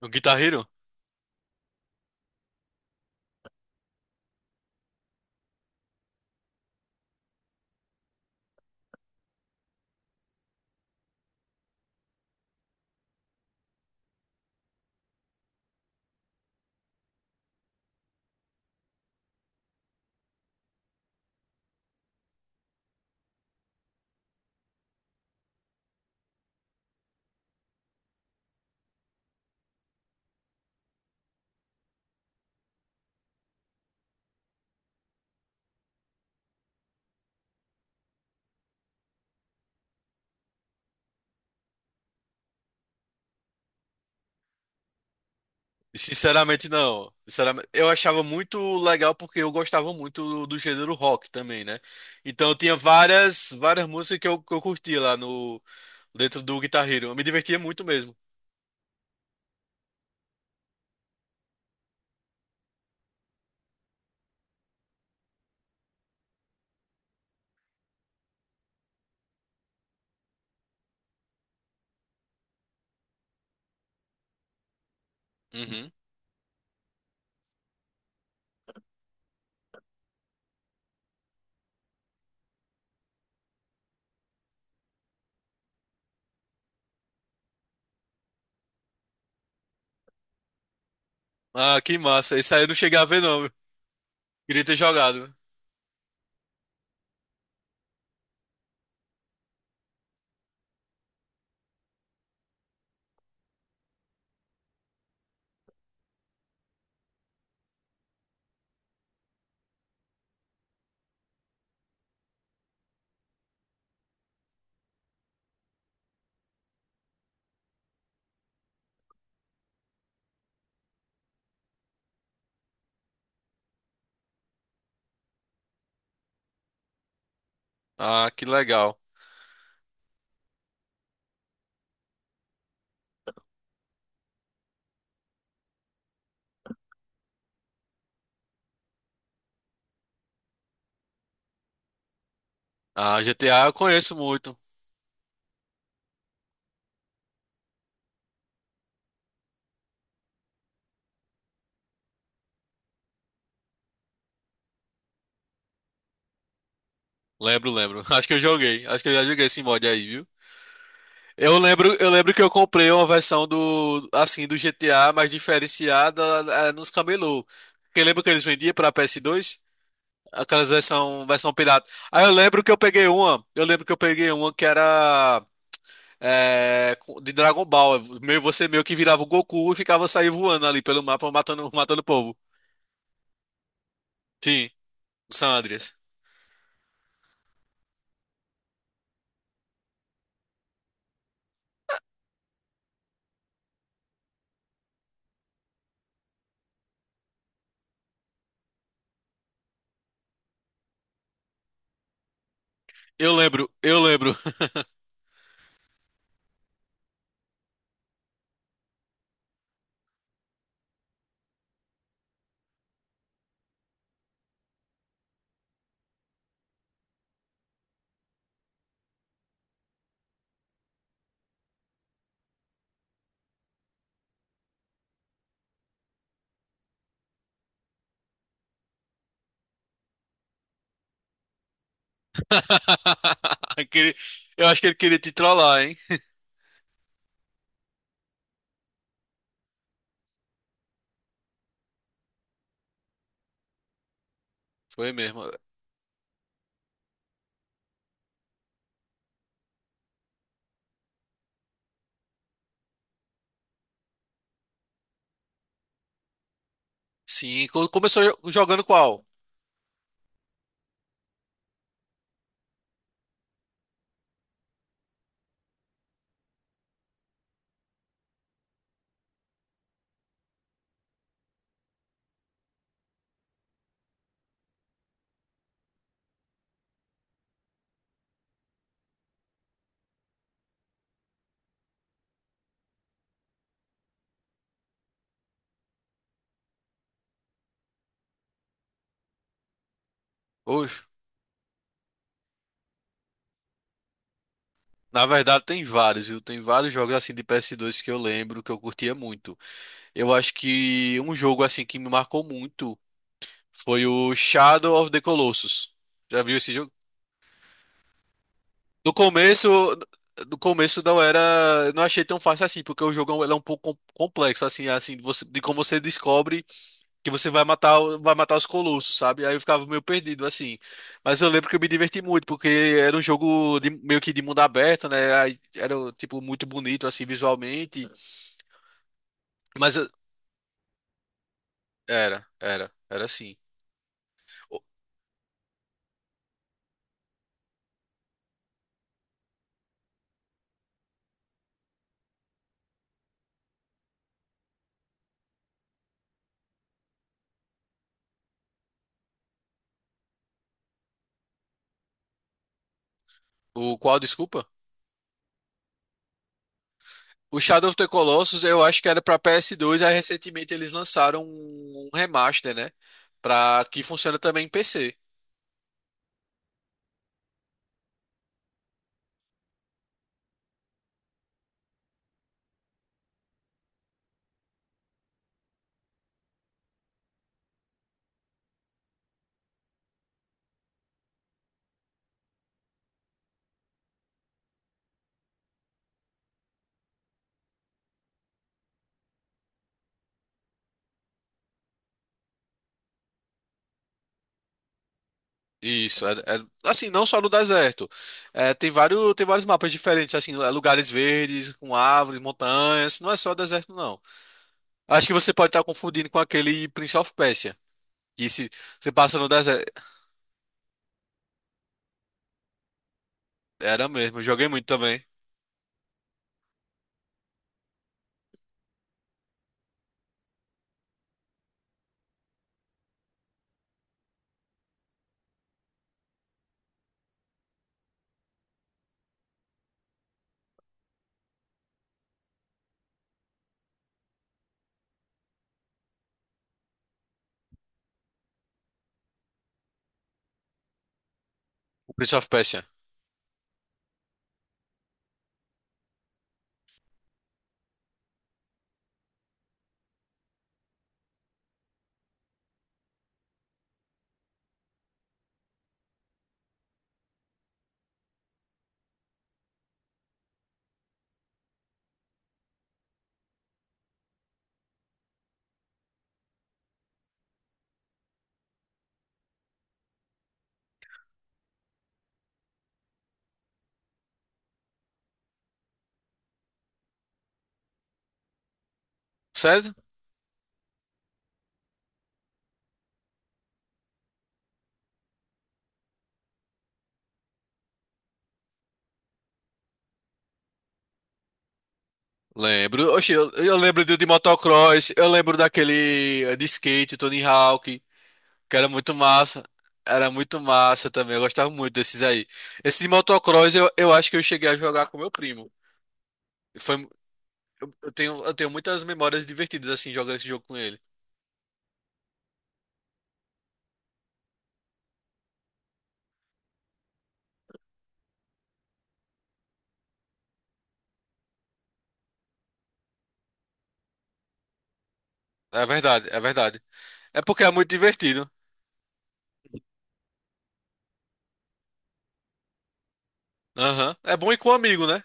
O Guitar Hero? Sinceramente, não. Sinceramente, eu achava muito legal porque eu gostava muito do gênero rock também, né? Então tinha várias músicas que eu curtia lá no, dentro do Guitar Hero. Eu me divertia muito mesmo. Uhum. Ah, que massa. Isso aí eu não cheguei a ver, não. Queria ter jogado. Ah, que legal. Ah, GTA eu conheço muito. Lembro, lembro. Acho que eu joguei. Acho que eu já joguei esse mod aí, viu? Eu lembro que eu comprei uma versão do, assim, do GTA mais diferenciada, nos camelô. Porque lembra que eles vendiam para PS2? Aquelas versão pirata. Aí eu lembro que eu peguei uma, eu lembro que eu peguei uma que era, de Dragon Ball. Meio, você meio que virava o Goku e ficava sair voando ali pelo mapa, matando o povo. Sim, o San Andreas. Eu lembro. Aquele- eu acho que ele queria te trollar, hein? Foi mesmo. Sim, começou jogando qual? Oxe, na verdade tem vários, viu? Tem vários jogos assim de PS2 que eu lembro que eu curtia muito. Eu acho que um jogo assim que me marcou muito foi o Shadow of the Colossus. Já viu esse jogo? No começo, no começo não era, eu não achei tão fácil assim, porque o jogo ele é um pouco complexo assim, de de como você descobre que você vai matar, vai matar os colossos, sabe? Aí eu ficava meio perdido assim. Mas eu lembro que eu me diverti muito, porque era um jogo meio que de mundo aberto, né? Aí era tipo muito bonito assim visualmente, mas era, era assim. O, o qual, desculpa? O Shadow of the Colossus, eu acho que era pra PS2, aí recentemente eles lançaram um remaster, né? Pra que funciona também em PC. Isso, é, assim, não só no deserto. É, tem vários mapas diferentes, assim, é, lugares verdes, com árvores, montanhas. Não é só deserto, não. Acho que você pode estar confundindo com aquele Prince of Persia. Que se você passa no deserto. Era mesmo, eu joguei muito também. O Prince of Persia. Certo? Lembro. Oxi, eu lembro do de motocross, eu lembro daquele de skate, Tony Hawk, que era muito massa. Era muito massa também, eu gostava muito desses aí. Esse de motocross eu acho que eu cheguei a jogar com meu primo. Foi, eu tenho muitas memórias divertidas assim jogando esse jogo com ele. É verdade. É porque é muito divertido. Aham. É bom ir com um amigo, né?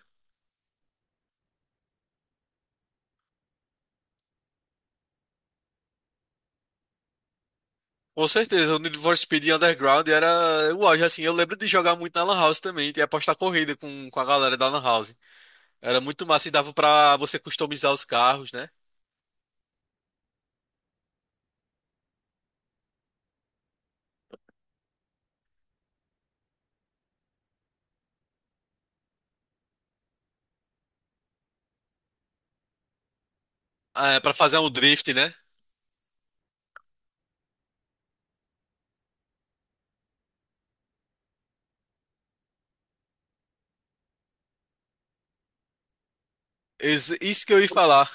Com certeza, o Need for Speed Underground era o auge, assim. Eu lembro de jogar muito na Lan House também, e apostar corrida com a galera da Lan House. Era muito massa e dava pra você customizar os carros, né? Ah, é, pra fazer um drift, né? Isso que eu ia falar.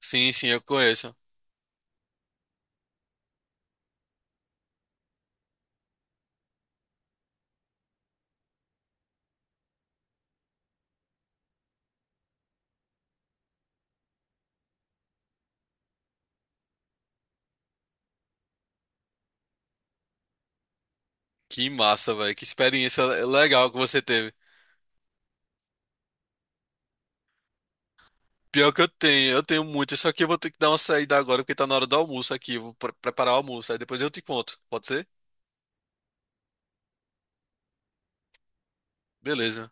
Sim, eu conheço. Que massa, velho. Que experiência legal que você teve. Pior que eu tenho muito. Isso aqui eu vou ter que dar uma saída agora, porque tá na hora do almoço aqui. Eu vou preparar o almoço. Aí depois eu te conto. Pode ser? Beleza.